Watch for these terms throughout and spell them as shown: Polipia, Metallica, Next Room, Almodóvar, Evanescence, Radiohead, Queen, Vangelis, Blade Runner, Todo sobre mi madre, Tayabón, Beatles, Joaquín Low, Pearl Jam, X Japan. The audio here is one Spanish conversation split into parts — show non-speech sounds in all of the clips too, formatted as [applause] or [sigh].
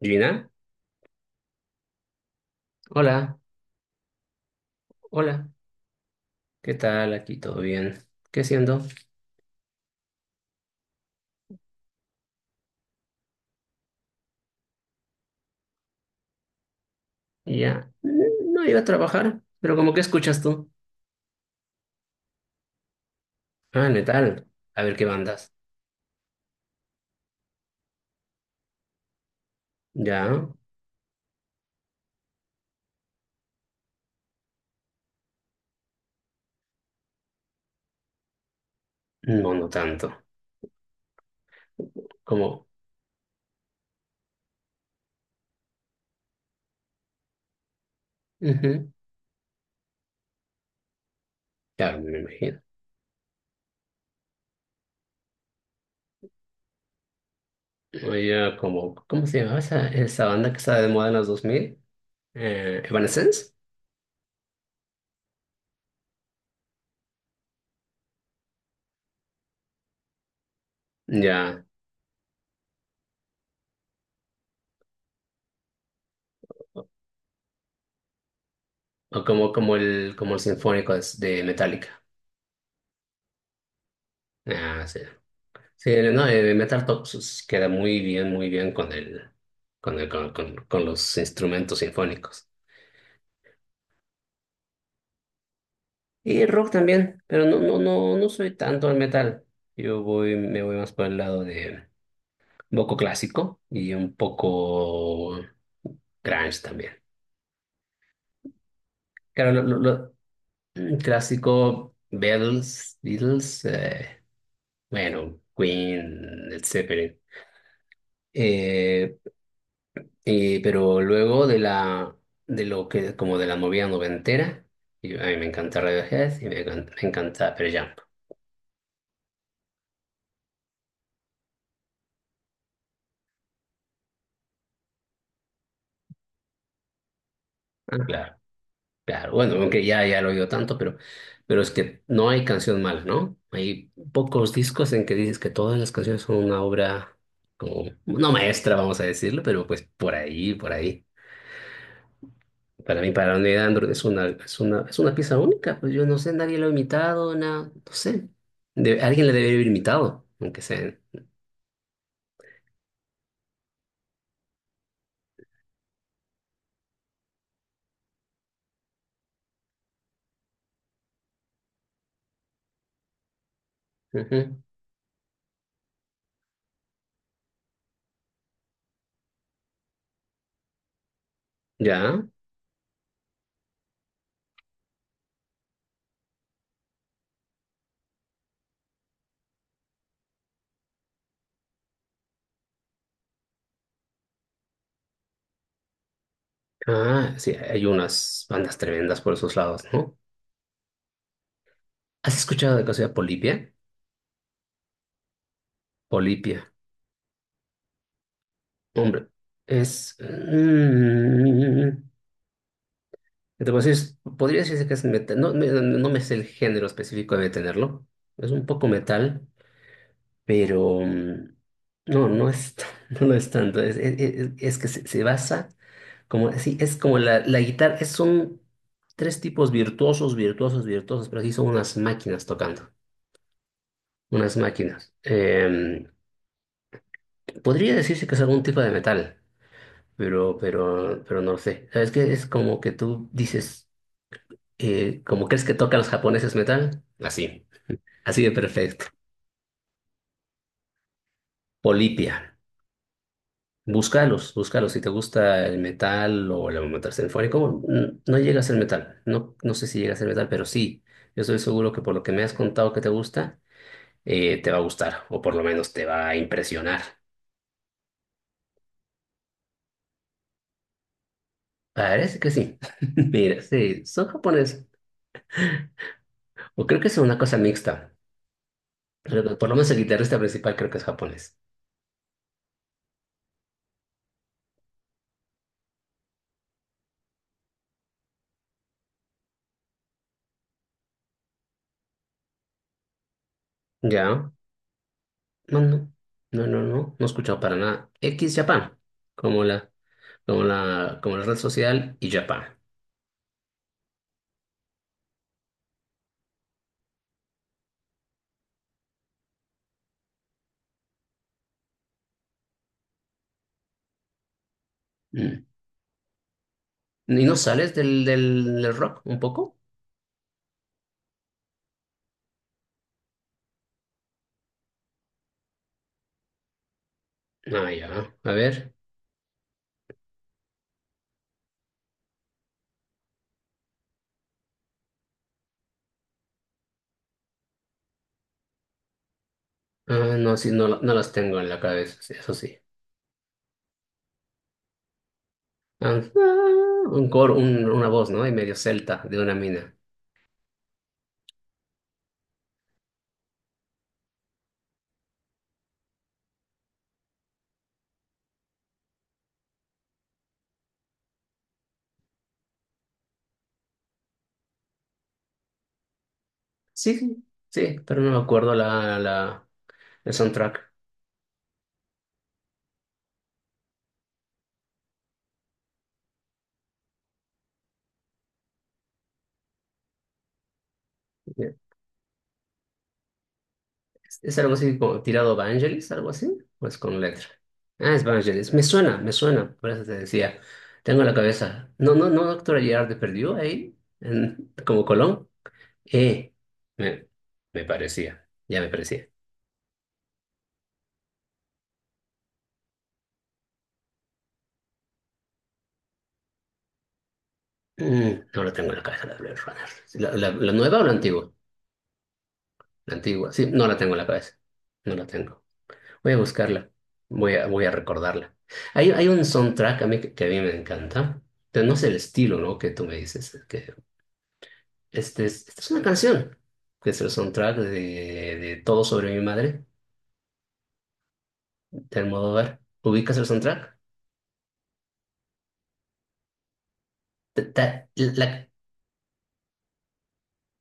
Gina, hola, hola, ¿qué tal? Aquí todo bien. ¿Qué haciendo? Ya, no iba a trabajar, pero como que escuchas tú. Ah, metal. A ver qué bandas. Ya, no, no tanto. Como, ujú. Claro, me imagino. Oye, como, ¿cómo se llamaba esa banda que estaba de moda en los 2000? Evanescence. Ya, o como, como el sinfónico de Metallica. Ah, sí. Sí, no, Metal Top pues, queda muy bien con el, con el, con, con los instrumentos sinfónicos. Y rock también, pero no, no, no, no soy tanto al metal. Me voy más por el lado de un poco clásico y un poco grunge también. Claro, lo, clásico, Beatles, bueno, Queen, etcétera. Pero luego de la de lo que como de la movida noventera, y a mí me encanta Radiohead y me encanta Pearl Jam. Ah, claro, claro. Bueno, aunque ya, ya lo he oído tanto, pero es que no hay canción mala, ¿no? Hay pocos discos en que dices que todas las canciones son una obra como, no maestra, vamos a decirlo, pero pues por ahí, por ahí. Para mí, para Neil Andrew es una, es una, es una pieza única, pues yo no sé, nadie lo ha imitado, no sé. Alguien le debe haber imitado, aunque sea. Ujú. Ya. Ah, sí, hay unas bandas tremendas por esos lados, ¿no? ¿Has escuchado de cosa de Polipia? Polipia. Hombre, es... te puedo decir, podría decirse que es metal. No, no me sé el género específico de tenerlo. Es un poco metal, pero... no, no es, [laughs] no lo es tanto. Es, es que se basa como... Sí, es como la guitarra. Es, son tres tipos virtuosos, virtuosos, virtuosos, pero sí son unas máquinas tocando. Unas máquinas. Podría decirse que es algún tipo de metal, pero no lo sé. ¿Sabes qué? Es como que tú dices, como crees que tocan los japoneses metal, así, así de perfecto. Polipia. Búscalos, búscalos. Si te gusta el metal o el metal sinfónico, no llega a ser metal. No, no sé si llega a ser metal, pero sí. Yo estoy seguro que por lo que me has contado que te gusta, te va a gustar, o por lo menos te va a impresionar. Parece que sí. [laughs] Mira, sí, son japoneses. O creo que es una cosa mixta. Pero por lo menos el guitarrista principal creo que es japonés. Ya. No, no. No, no, no. No he escuchado para nada. X Japan. Como la, como la, como la red social y Japan. Mm. ¿Y no sales del rock un poco? Ah, ya. A ver. Ah, no, sí, no, no las tengo en la cabeza. Sí, eso sí. Ah, ah, un coro, una voz, ¿no? Y medio celta de una mina. Sí, sí, sí, pero no me acuerdo la, la, el soundtrack. ¿Es algo así como tirado Vangelis, algo así? Pues con letra. Ah, es Vangelis. Me suena, por eso te decía. Tengo la cabeza. No, no, no, doctora Girard de perdió ahí, como Colón. Eh, Me, me parecía, ya me parecía. No la tengo en la cabeza, la Blade Runner. ¿La, la nueva o la antigua? La antigua, sí, no la tengo en la cabeza. No la tengo. Voy a buscarla, voy a, voy a recordarla. Hay un soundtrack a mí que a mí me encanta. Pero no sé el estilo, ¿no? Que tú me dices. Esta es una canción, que es el soundtrack de Todo sobre mi madre, de Almodóvar. ¿Ubicas el soundtrack? Ta- ta- la-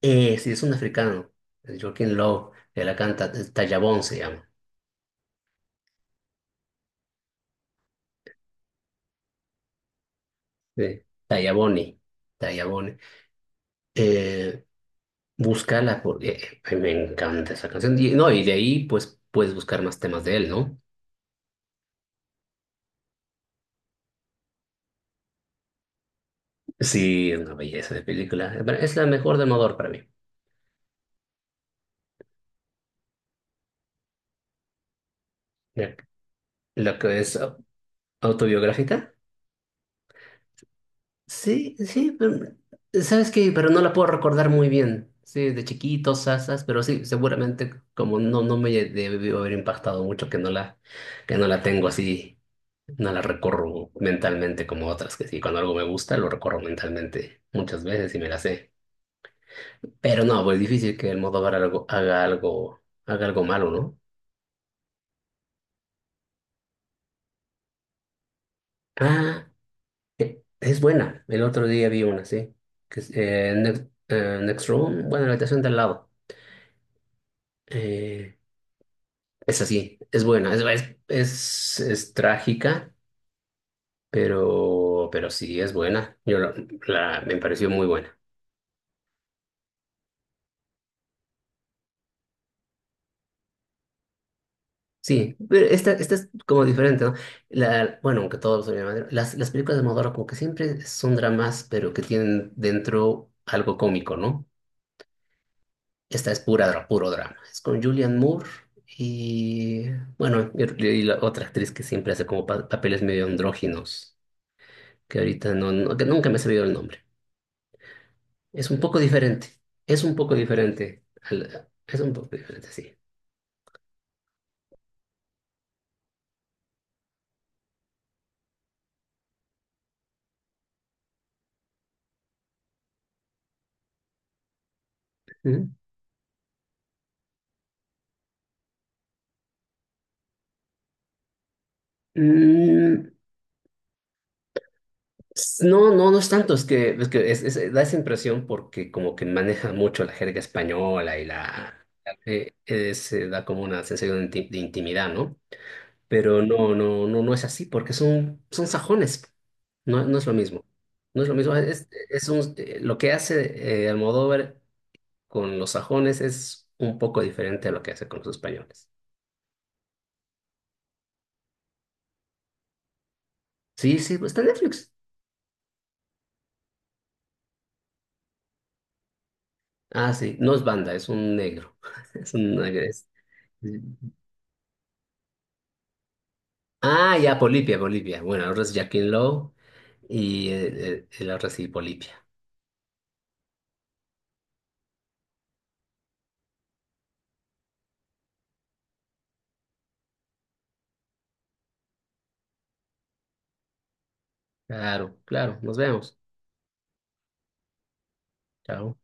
sí, es un africano, es Joaquín Low, que la canta, Tayabón se llama. Sí. Tayaboni, Tayaboni. Eh, Búscala, porque me encanta esa canción. Y, no, y de ahí pues puedes buscar más temas de él, ¿no? Sí, es una belleza de película. Bueno, es la mejor de Almodóvar para mí. La, la que es autobiográfica. Sí, sí, pero sabes que, pero no la puedo recordar muy bien. Sí, de chiquitos, sasas, pero sí, seguramente como no, no me debió haber impactado mucho que no la tengo así, no la recorro mentalmente como otras, que sí, cuando algo me gusta lo recorro mentalmente muchas veces y me la sé. Pero no, pues difícil que el Almodóvar algo, haga algo, haga algo malo, ¿no? Ah, es buena. El otro día vi una, sí. Que es, Next, Next Room, bueno, la habitación de al lado. Eh, Es así, es buena, es, es trágica, pero sí es buena. La, me pareció muy buena. Sí, pero esta es como diferente, ¿no? La, bueno, aunque todos son de madera, las películas de Almodóvar como que siempre son dramas, pero que tienen dentro algo cómico, ¿no? Esta es pura, puro drama. Es con Julianne Moore y, bueno, y la otra actriz que siempre hace como papeles medio andróginos, que ahorita no, que nunca me ha sabido el nombre. Es un poco diferente. Es un poco diferente. Es un poco diferente, sí. ¿Mm? Mm, no, no, no es tanto. Es que da esa impresión porque como que maneja mucho la jerga española y la... se da como una sensación de de intimidad, ¿no? Pero no, no, no, no es así porque son, son sajones. No, no es lo mismo. No es lo mismo. Es, lo que hace Almodóvar con los sajones es un poco diferente a lo que hace con los españoles. Sí, sí, pues está en Netflix. Ah, sí, no es banda, es un negro. [laughs] Es un... es- Ah, ya, Polipia, Polipia. Bueno, ahora es Jacqueline Lowe y la otra sí, Polipia. Claro, claro, nos vemos. Chao.